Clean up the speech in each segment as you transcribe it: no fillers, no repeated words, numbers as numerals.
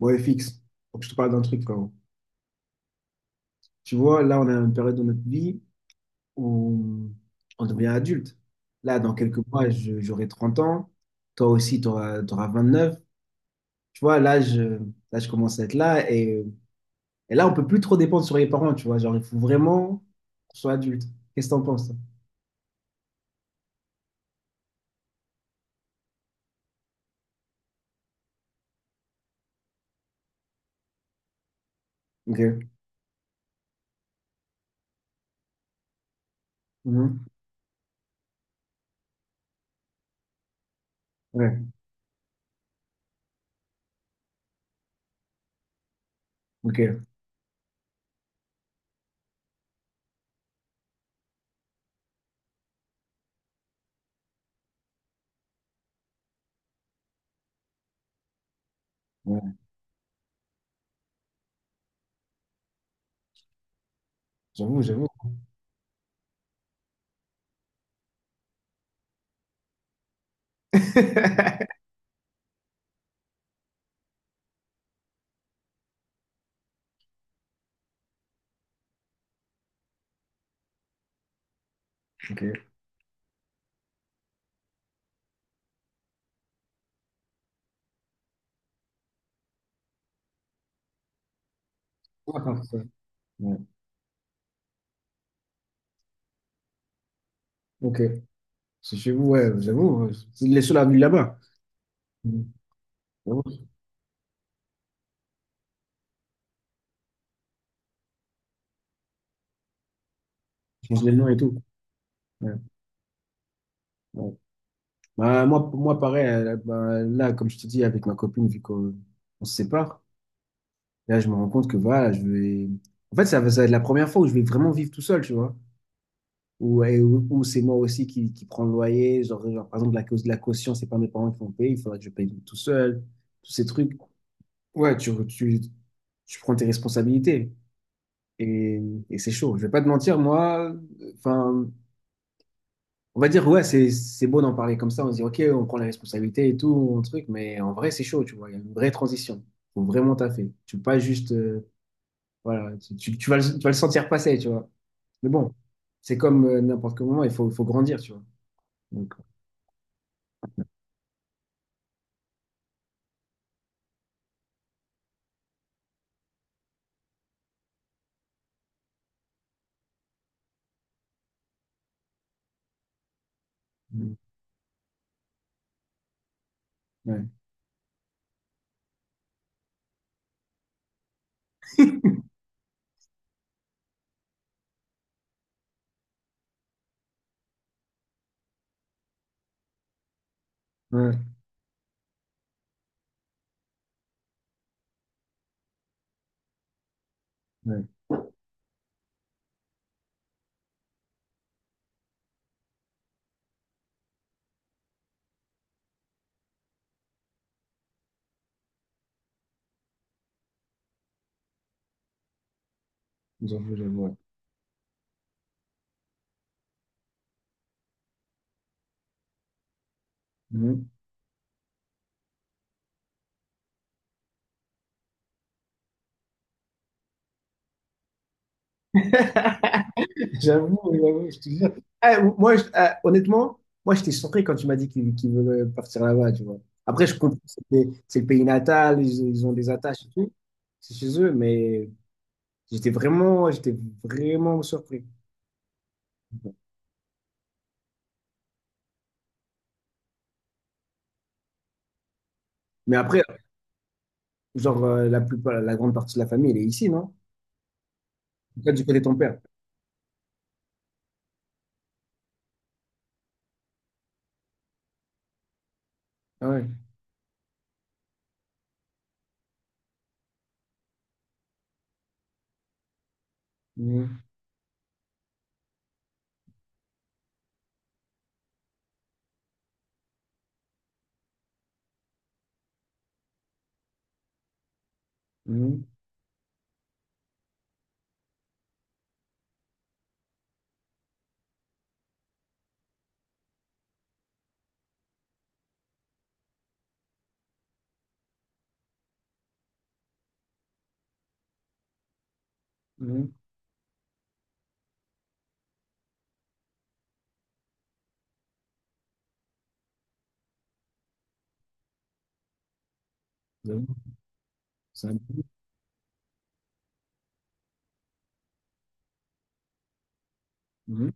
Bon, FX, faut que je te parle d'un truc quand même. Tu vois, là, on a une période de notre vie où on devient adulte. Là, dans quelques mois, j'aurai 30 ans. Toi aussi, tu auras, 29. Tu vois, là, je commence à être là. Et là, on peut plus trop dépendre sur les parents, tu vois. Genre, il faut vraiment qu'on soit adulte. Qu'est-ce que t'en penses, toi? Ok. Mhm. Ouais. Ok. Ouais. J'avoue, j'avoue. Ok. Ouais. Ouais. Ok. C'est chez vous, ouais, j'avoue. Ouais. C'est les seuls à vivre là-bas. Mhm. Changer le nom et tout. Ouais. Ouais. Bah, moi, pour moi, pareil, bah, là, comme je te dis, avec ma copine, vu qu'on on se sépare, là, je me rends compte que voilà, je vais. En fait, ça va être la première fois où je vais vraiment vivre tout seul, tu vois. Où c'est moi aussi qui prends le loyer. Genre, par exemple, la cause de la caution, c'est pas mes parents qui vont payer, il faudra que je paye tout seul, tous ces trucs. Ouais, tu prends tes responsabilités. Et, et c'est chaud. Je vais pas te mentir, moi, enfin. On va dire, ouais, c'est beau d'en parler comme ça, on se dit, ok, on prend la responsabilité et tout, on truc, mais en vrai, c'est chaud, tu vois, il y a une vraie transition. Faut vraiment taffer. Tu peux pas juste, voilà, tu vas le sentir passer, tu vois. Mais bon, c'est comme n'importe quel moment, il faut grandir, tu vois. Donc, euh, ouais, ouais, ouais, j'avoue, j'avoue, ouais. Mhm. J'avoue, j'avoue, je te jure. Eh, moi, honnêtement, moi, j'étais surpris quand tu m'as dit qu'il voulait partir là-bas, tu vois. Après, je comprends, c'est le pays natal, ils ont des attaches et tout. C'est chez eux, mais j'étais vraiment surpris. Mais après, genre, la grande partie de la famille, elle est ici, non? En fait, du côté de ton père. Ah ouais. Mhm. Mhm. Mhm. J'avoue, c'est un peu- Mhm.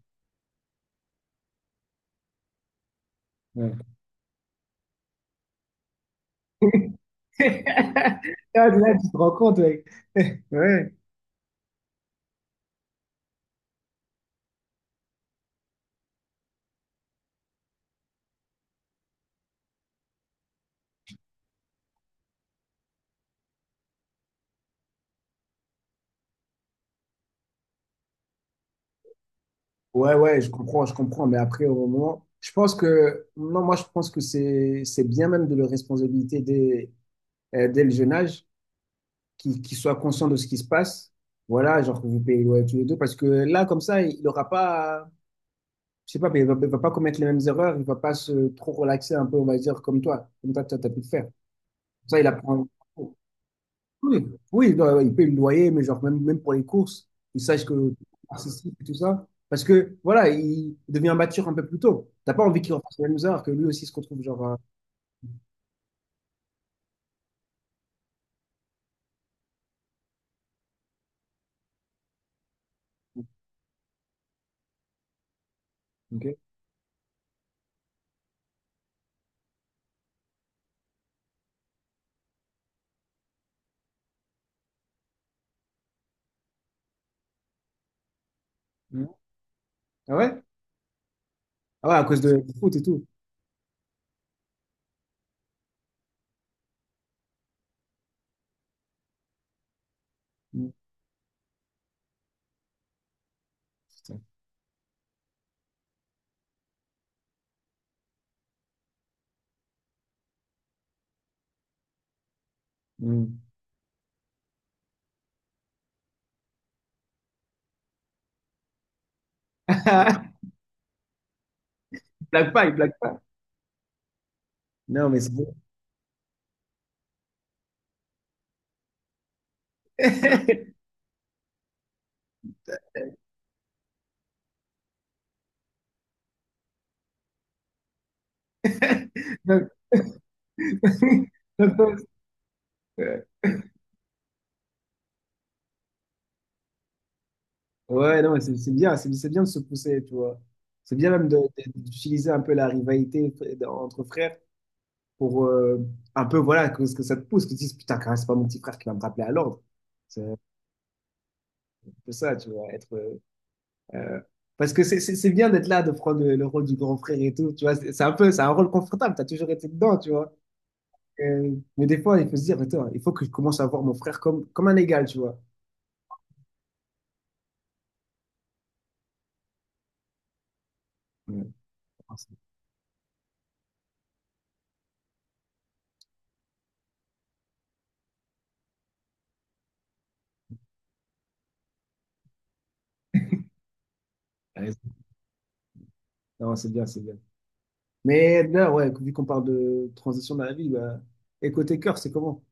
Ouais. Ah, là, tu te rends compte, mec. Ouais. Ouais, ouais, je comprends, mais après, au moment, je pense que, non, moi, je pense que c'est bien même de le responsabilité dès, dès le jeune âge, qu'il soit conscient de ce qui se passe. Voilà, genre que vous payez ouais, tous les deux, parce que là, comme ça, il n'aura pas, je sais pas, mais il va pas commettre les mêmes erreurs, il va pas se trop relaxer un peu, on va dire, comme toi, toi, t'as pu le faire. Ça, il apprend. Oui, oui, non, ouais, il paye le loyer, mais genre même, même pour les courses, il sache que tu participes et tout ça. Parce que voilà, il devient mature un peu plus tôt. T'as pas envie qu'il refasse le même erreur, que lui aussi se retrouve genre. Ok. Mm. Ah ouais? Ah ouais, à cause de du foot et tout. Mm. Putain. Mm. Il blague pas, il blague pas. Non, mais c'est bon. Donc- donc, euh, Ouais, non, mais c'est bien, c'est bien de se pousser, tu vois. C'est bien même d'utiliser un peu la rivalité entre frères pour un peu, voilà, que ça te pousse, que tu te dises, putain, quand même, c'est pas mon petit frère qui va me rappeler à l'ordre. C'est un peu ça, tu vois, être. Euh, Parce que c'est bien d'être là, de prendre le rôle du grand frère et tout, tu vois, c'est un peu, c'est un rôle confortable, t'as toujours été dedans, tu vois. Mais des fois, il faut se dire, attends, il faut que je commence à voir mon frère comme un égal, tu vois. Ouais, non, c'est ouais, non, c'est bien, c'est bien. Mais là, ouais, vu qu'on parle de transition dans la vie, bah, et côté cœur, c'est comment?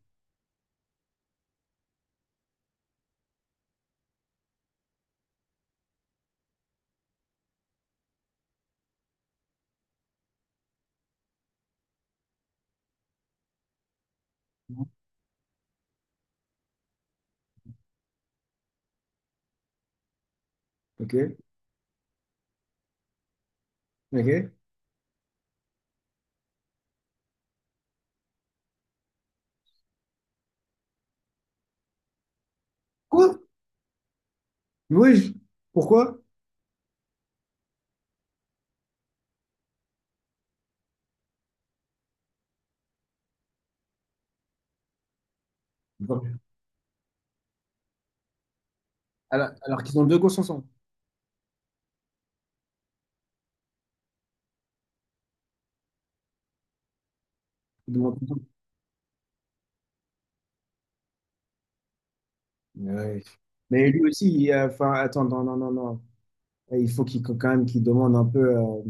Ok, ok. Quoi? Oui, pourquoi? Alors, qu'ils ont deux gosses ensemble. Ils Ouais. Mais lui aussi, enfin, attends, non, non, non, non. Et il faut qu'il quand même qu'il demande un peu,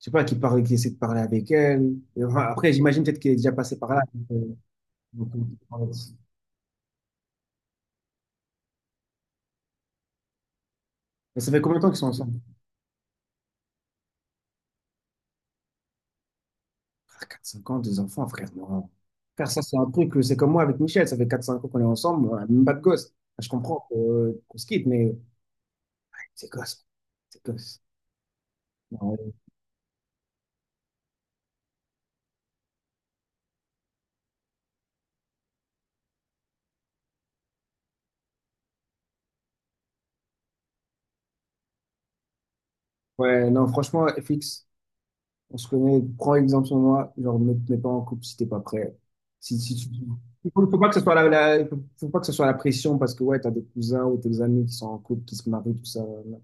je sais pas, qu'il parle, qu'il essaie de parler avec elle. Et enfin, après, j'imagine peut-être qu'il est déjà passé par là. euh, donc, euh, Mais ça fait combien de temps qu'ils sont ensemble? Ah, 4-5 ans, des enfants, frère. Non. Frère, ça, c'est un truc, c'est comme moi avec Michel, ça fait 4-5 ans qu'on est ensemble, on a même pas de gosse. Enfin, je comprends qu'on se quitte, mais c'est gosse, c'est gosse. Non, ouais. Ouais, non, franchement, FX. On se connaît, prends exemple sur moi, genre ne te mets pas en couple si t'es pas prêt. Si, si tu- il faut, faut pas que ce soit la, la- faut pas que ce soit la pression parce que ouais, t'as des cousins ou tes amis qui sont en couple, qui se marient, tout ça. Il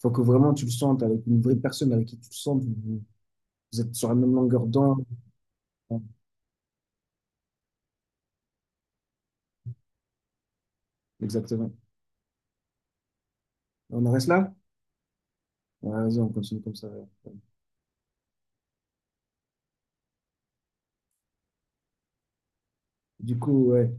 Faut que vraiment tu le sentes avec une vraie personne avec qui tu le sens, vous, vous êtes sur la même longueur d'onde. Ouais. Exactement. On en reste là? Ouais, vas-y, on continue comme ça. Du coup, ouais.